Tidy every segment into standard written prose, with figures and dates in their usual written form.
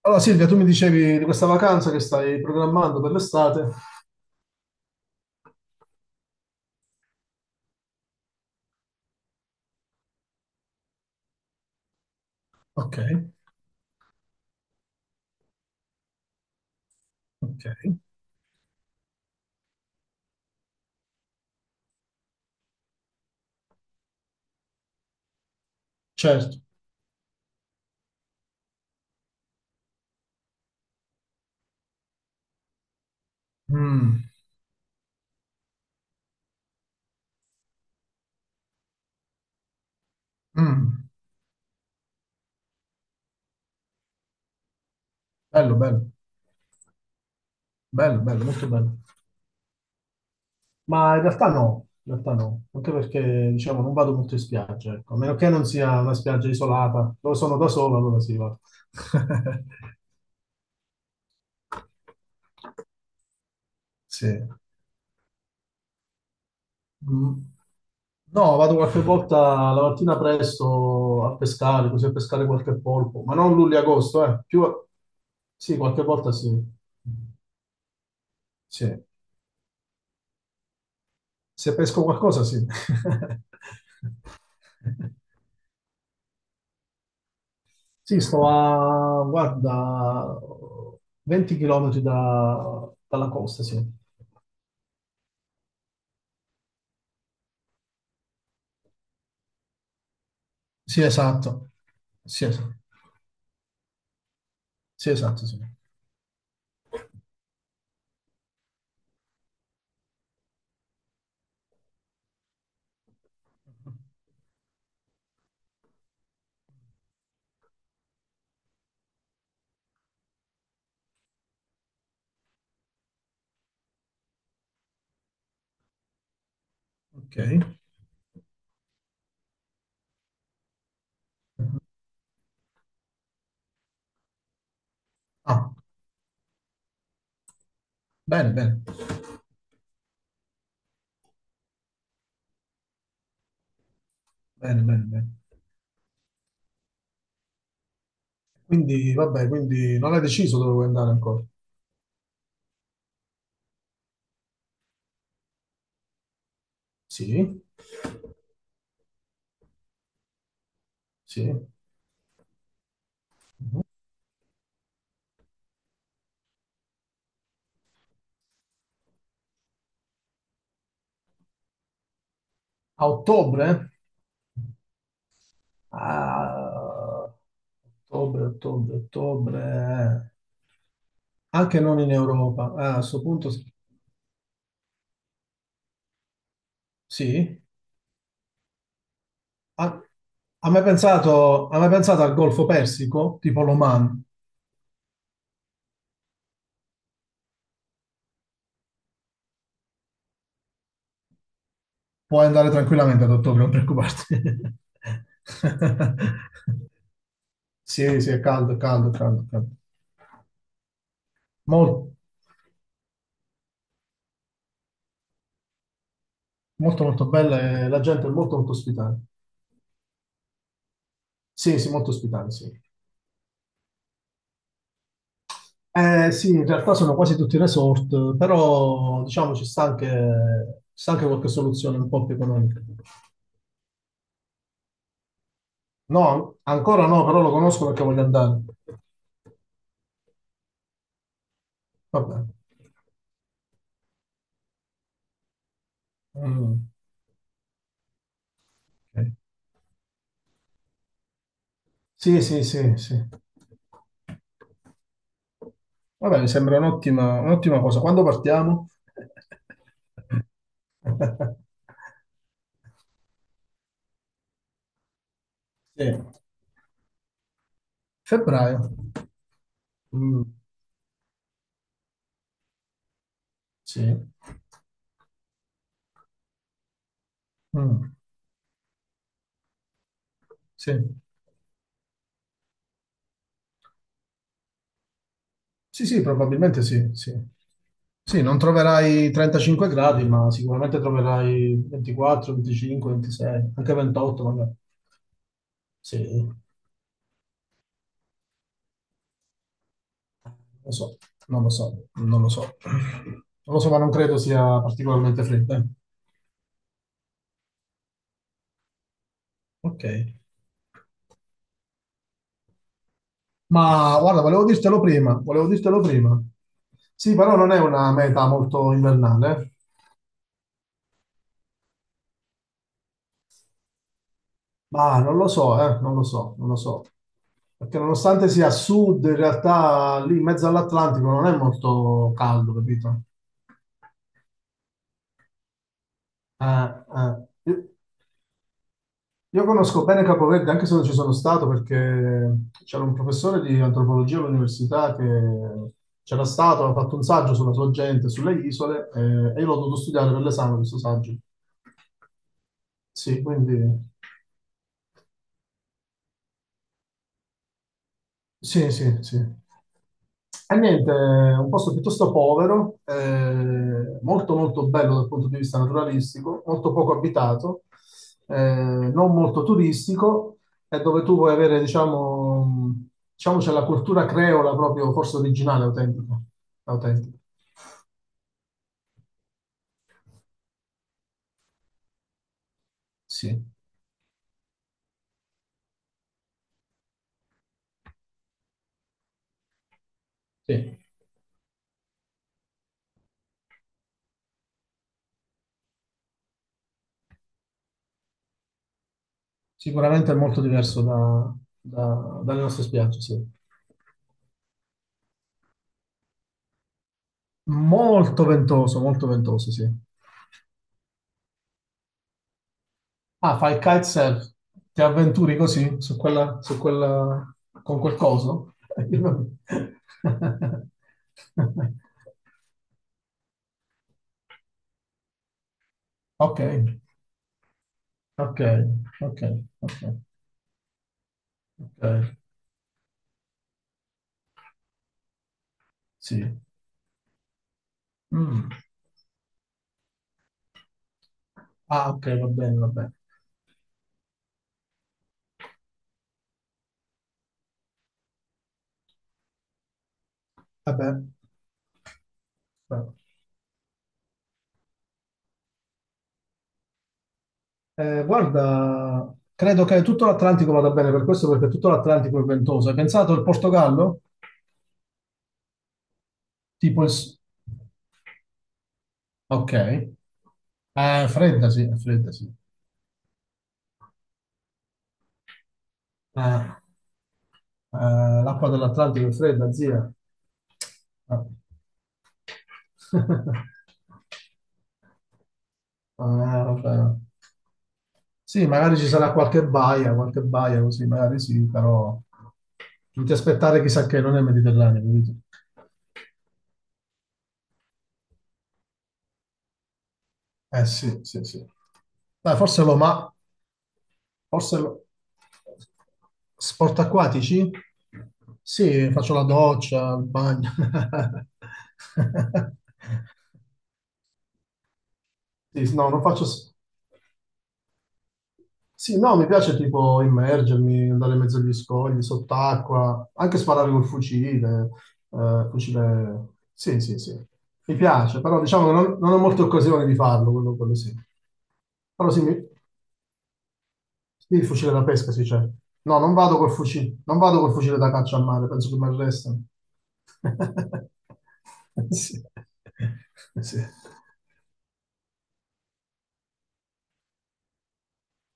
Allora Silvia, tu mi dicevi di questa vacanza che stai programmando per l'estate. Ok, ok, certo. Mm, mm, bello, bello, bello, bello, molto bello. Ma in realtà no, anche perché diciamo non vado molto in spiaggia, ecco. A meno che non sia una spiaggia isolata, dove sono da solo, allora sì, vado. Sì. Mm. No, vado qualche volta la mattina presto a pescare, così a pescare qualche polpo, ma non luglio-agosto, eh. Più... Sì, qualche volta sì. Sì. Se pesco qualcosa, sì. Sì, sto a, guarda, 20 km dalla costa, sì. Sì, esatto. Sì, sì, esatto, sì. Ok. Ah, bene, bene, bene, bene, bene. Quindi, vabbè, quindi non hai deciso dove vuoi andare ancora? Sì, sì. A ottobre? Ah, ottobre, ottobre, ottobre. Anche non in Europa. Ah, a questo punto sì. Ha, ha mai pensato al Golfo Persico, tipo l'Oman? Puoi andare tranquillamente ad ottobre, non preoccuparti. Sì, sì, è caldo, è caldo, è caldo, è caldo. Mol- Molto, molto, bella e la gente è molto, molto ospitale. Sì, sì, molto ospitale, sì. Sì, in realtà sono quasi tutti resort, però diciamo ci sta anche qualche soluzione un po' più economica. No, ancora no, però lo conosco perché voglio andare. Vabbè. Mm. Ok. Sì, sì, sì, sì. Vabbè, mi sembra un'ottima cosa. Quando partiamo? Sì. Febbraio. Mm, sì. Mm, sì. Sì, sì, probabilmente sì, sì. Sì, non troverai 35 gradi, ma sicuramente troverai 24, 25, 26, anche 28 magari. Sì. Lo so, non lo so, non lo so. Non lo so, ma non credo sia particolarmente fredda. Eh. Ok. Ma guarda, volevo dirtelo prima, volevo dirtelo prima. Sì, però non è una meta molto invernale. Eh. Ma non lo so, non lo so, non lo so. Perché nonostante sia a sud, in realtà lì in mezzo all'Atlantico non è molto caldo, capito? Eh, eh. Io conosco bene Capoverde, anche se non ci sono stato, perché c'era un professore di antropologia all'università che c'era stato, ha fatto un saggio sulla sua gente, sulle isole, e io l'ho dovuto studiare per l'esame questo saggio. Sì, quindi... Sì, sì, sì. E niente, un posto piuttosto povero, molto molto bello dal punto di vista naturalistico, molto poco abitato, eh, non molto turistico, e dove tu puoi avere, diciamo, c'è la cultura creola proprio, forse originale, autentica. Autentica. Sì, sì. Sicuramente è molto diverso dalle nostre spiagge, sì. Molto ventoso, sì. Ah, fai il kitesurf, ti avventuri così su quella, con quel coso? Ok, ok, ok, ok, ok, sì. Mm. Ah, ok, va bene, va bene. Vabbè. Guarda, credo che tutto l'Atlantico vada bene per questo, perché tutto l'Atlantico è ventoso. Hai pensato al Portogallo? Tipo il... s- Ok. È fredda, sì, è fredda, sì. Eh, l'acqua dell'Atlantico è fredda, zia. Ah. Ah, vabbè. Sì, magari ci sarà qualche baia così, magari sì, però non ti aspettare chissà che non è Mediterraneo, capito? Eh sì, sì, sì. Dai, forse Roma, Forse lo- sport acquatici? Sì, faccio la doccia, il bagno. Sì, no, non faccio. Sì, no, mi piace tipo immergermi, andare in mezzo agli scogli, sott'acqua, anche sparare col fucile. Sì, sì, sì. Mi piace, però diciamo non ho molte occasioni di farlo, quello sì. Però sì, sì, il fucile da pesca, sì, c'è. No, non vado col fucile, non vado col fucile da caccia a mare, penso che mi arrestano. Sì. Sì.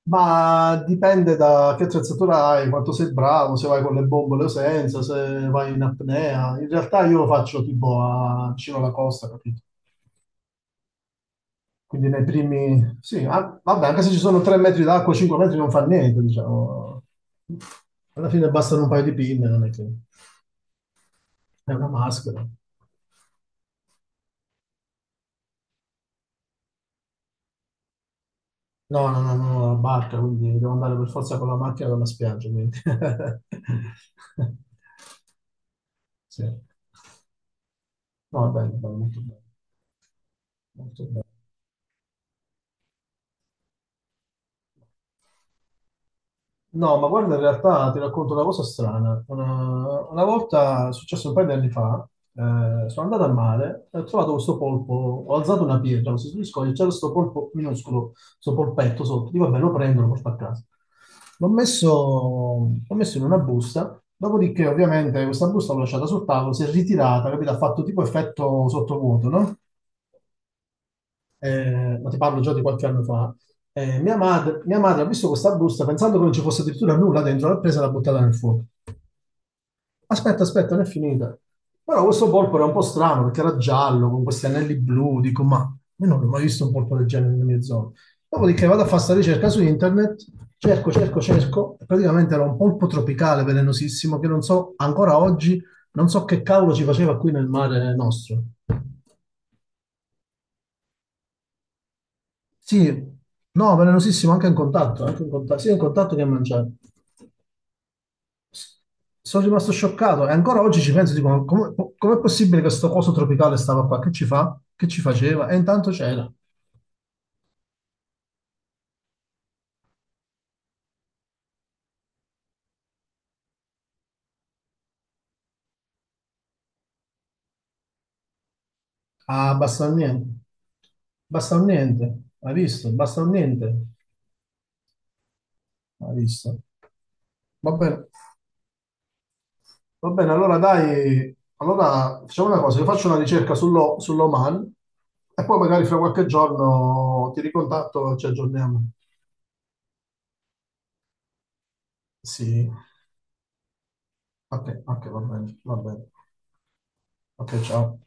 Ma dipende da che attrezzatura hai, quanto sei bravo, se vai con le bombole o senza, se vai in apnea. In realtà io lo faccio tipo a vicino alla costa, capito? Sì, ah, vabbè, anche se ci sono 3 metri d'acqua, 5 metri non fa niente, diciamo. Alla fine bastano un paio di pinne, non è che. È una maschera. No, no, no, no, no, la barca, quindi devo andare per forza con la macchina dalla spiaggia, quindi. Sì. No, è bello, bello, molto bello, molto bello. No, ma guarda, in realtà ti racconto una cosa strana. Una volta, è successo un paio di anni fa, sono andato al mare e ho trovato questo polpo, ho alzato una pietra, mi sono scordato, c'era questo polpo minuscolo, questo polpetto sotto, dico, vabbè, lo prendo, lo porto a casa. L'ho messo, l'ho messo in una busta, dopodiché ovviamente questa busta l'ho lasciata sul tavolo, si è ritirata, capito? Ha fatto tipo effetto sottovuoto, no? Ma ti parlo già di qualche anno fa, mia madre ha visto questa busta pensando che non ci fosse addirittura nulla dentro, l'ha presa e l'ha buttata nel fuoco. Aspetta, aspetta, non è finita. Però questo polpo era un po' strano perché era giallo, con questi anelli blu, dico, ma io non ho mai visto un polpo del genere nelle mie zone. Dopodiché vado a fare questa ricerca su internet, cerco, cerco, cerco, e praticamente era un polpo tropicale velenosissimo che non so, ancora oggi, non so che cavolo ci faceva qui nel mare nostro. Sì, no, velenosissimo, anche in contatto, sia in contatto che in mangiare. S- Sono rimasto scioccato e ancora oggi ci penso, dico, ma come, com'è possibile che questo coso tropicale stava qua? Che ci fa? Che ci faceva? E intanto c'era. Ah, basta un niente. Basta un niente. Hai visto? Basta un niente. Hai visto? Va bene. Va bene, allora dai, allora facciamo una cosa, io faccio una ricerca sull'Oman e poi magari fra qualche giorno ti ricontatto e ci aggiorniamo. Sì. Ok, ok, va bene, va bene. Ok, ciao.